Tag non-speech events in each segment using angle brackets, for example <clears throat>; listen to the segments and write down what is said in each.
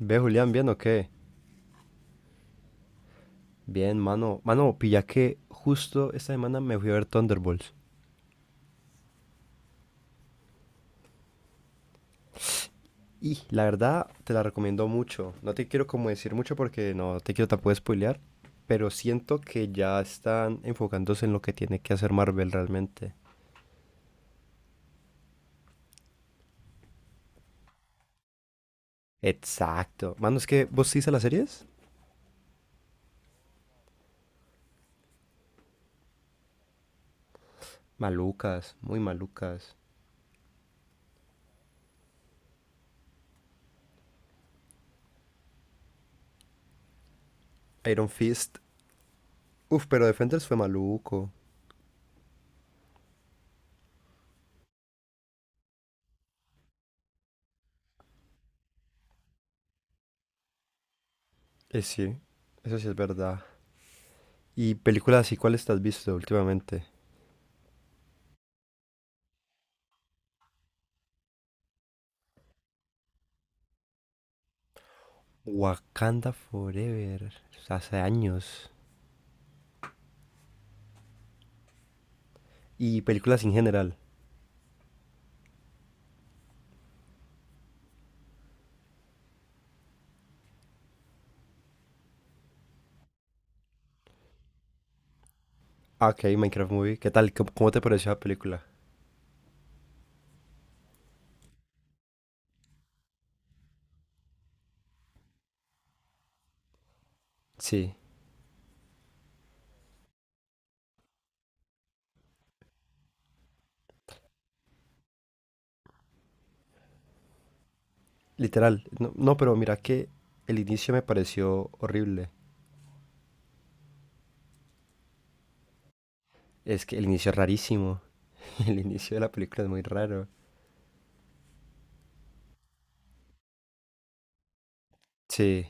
Ve, Julián, ¿bien o qué? Bien, mano. Mano, pilla que justo esta semana me fui a ver Thunderbolts. Y la verdad, te la recomiendo mucho. No te quiero como decir mucho porque no te quiero tampoco spoilear. Pero siento que ya están enfocándose en lo que tiene que hacer Marvel realmente. Exacto. Mano, ¿es que vos sí a las series? Malucas, muy malucas. Iron Fist. Uf, pero Defenders fue maluco. Sí, eso sí es verdad. ¿Y películas así cuáles te has visto últimamente? Wakanda Forever, hace años. Y películas en general. Ah, ok, Minecraft Movie. ¿Qué tal? ¿Cómo te pareció la película? Sí, literal. No, pero mira que el inicio me pareció horrible. Es que el inicio es rarísimo. <laughs> El inicio de la película es muy raro. Sí,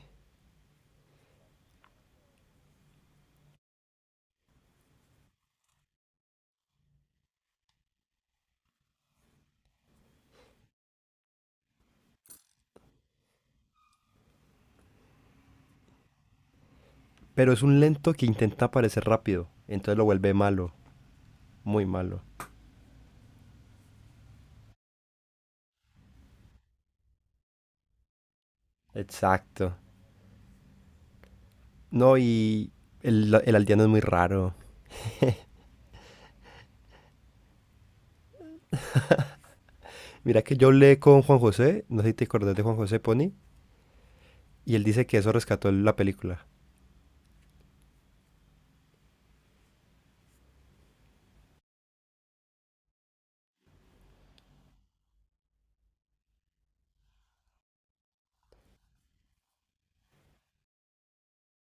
pero es un lento que intenta parecer rápido. Entonces lo vuelve malo, muy malo. Exacto. No, y el aldeano es muy raro. Mira que yo hablé con Juan José, no sé si te acordás de Juan José Pony. Y él dice que eso rescató la película.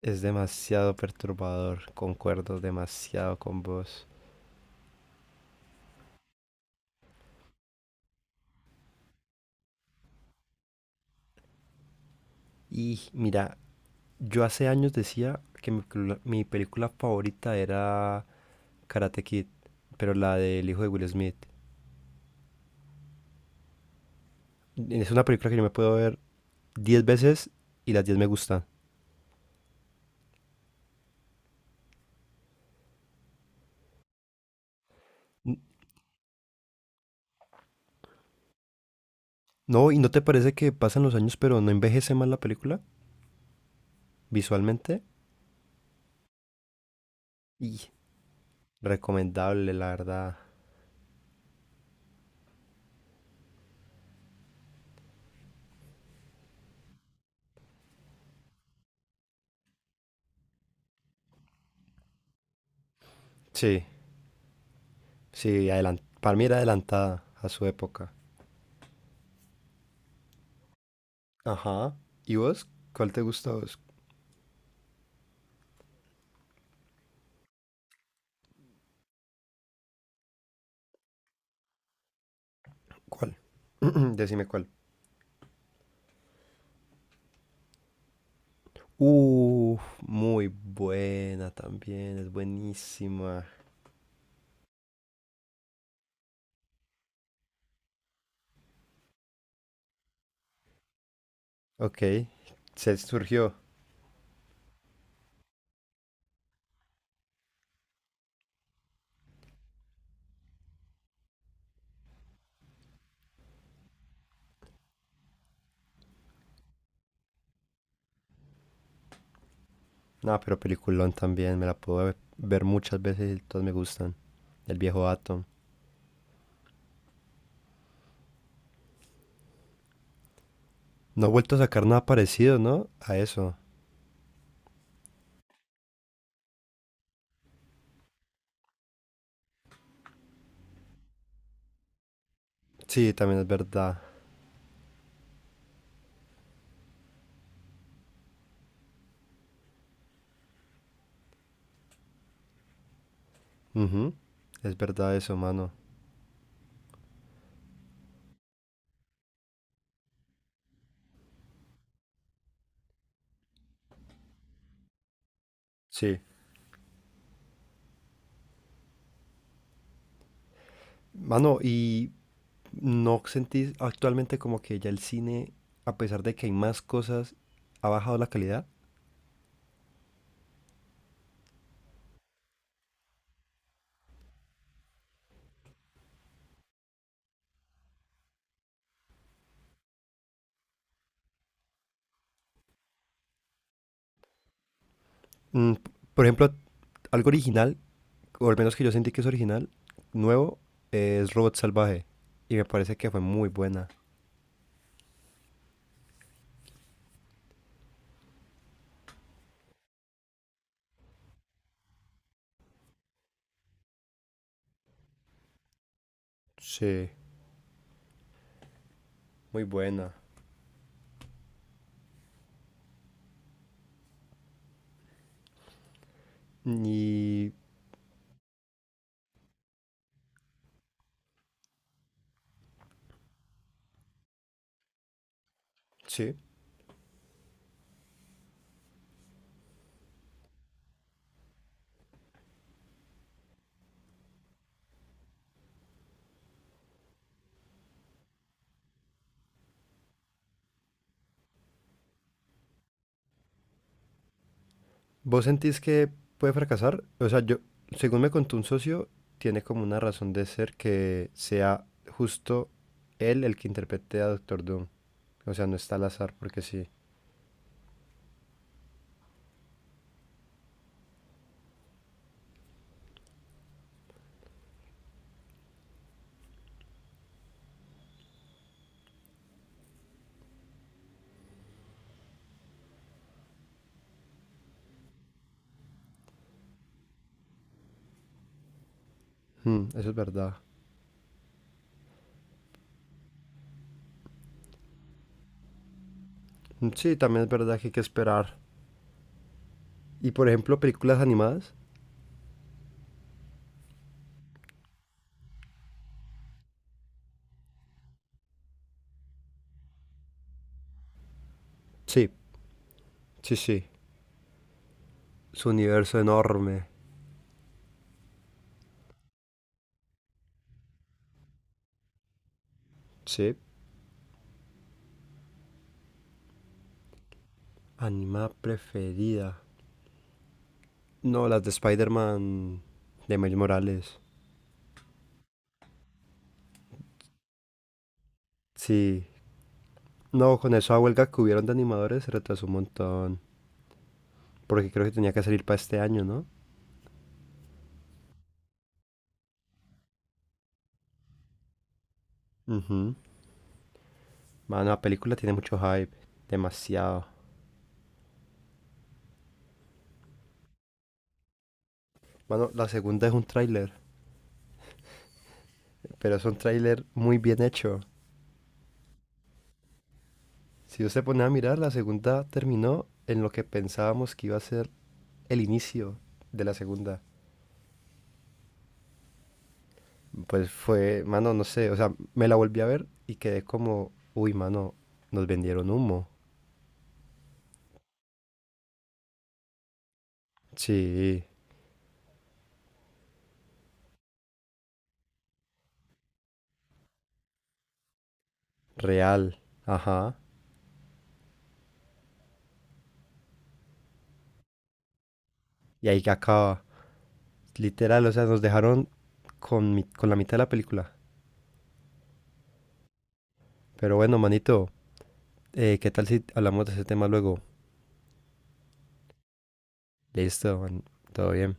Es demasiado perturbador, concuerdo demasiado con vos. Y mira, yo hace años decía que mi película favorita era Karate Kid, pero la del hijo de Will Smith. Es una película que yo me puedo ver 10 veces y las 10 me gustan. N- No, ¿y no te parece que pasan los años pero no envejece mal la película visualmente? Y recomendable, la verdad. Sí, sí, para mí era adelantada a su época. Ajá. ¿Y vos? ¿Cuál te gusta a vos? ¿Cuál? <clears throat> Decime cuál. Uf, muy buena también, es buenísima. Ok, se surgió. No, pero peliculón también, me la puedo ver muchas veces y todas me gustan. El viejo Atom. No ha vuelto a sacar nada parecido, ¿no? A eso. Sí, también es verdad. Ujú, es verdad eso, mano. Sí. Mano, y ¿no sentís actualmente como que ya el cine, a pesar de que hay más cosas, ha bajado la calidad? Mm, por ejemplo, algo original, o al menos que yo sentí que es original, nuevo, es Robot Salvaje. Y me parece que fue muy buena. Sí. Muy buena. Y sí. ¿Vos sentís que puede fracasar? O sea, yo, según me contó un socio, tiene como una razón de ser que sea justo él el que interprete a Doctor Doom. O sea, no está al azar porque sí. Mm, eso es verdad. Mm, sí, también es verdad que hay que esperar. Y por ejemplo, películas animadas. Sí, sí, sí. Su universo enorme. Sí. Animada preferida. No, las de Spider-Man de Miles Morales. Sí. No, con esa huelga que hubieron de animadores se retrasó un montón. Porque creo que tenía que salir para este año, ¿no? Ujú. Mano, la película tiene mucho hype. Demasiado. Mano, la segunda es un tráiler. Pero es un tráiler muy bien hecho. Si usted pone a mirar, la segunda terminó en lo que pensábamos que iba a ser el inicio de la segunda. Pues fue, mano, no sé, o sea, me la volví a ver y quedé como, uy, mano, nos vendieron humo. Sí, real, ajá. Y ahí que acaba. Literal, o sea, nos dejaron con, con la mitad de la película. Pero bueno, manito, ¿qué tal si hablamos de ese tema luego? Listo, man, todo bien.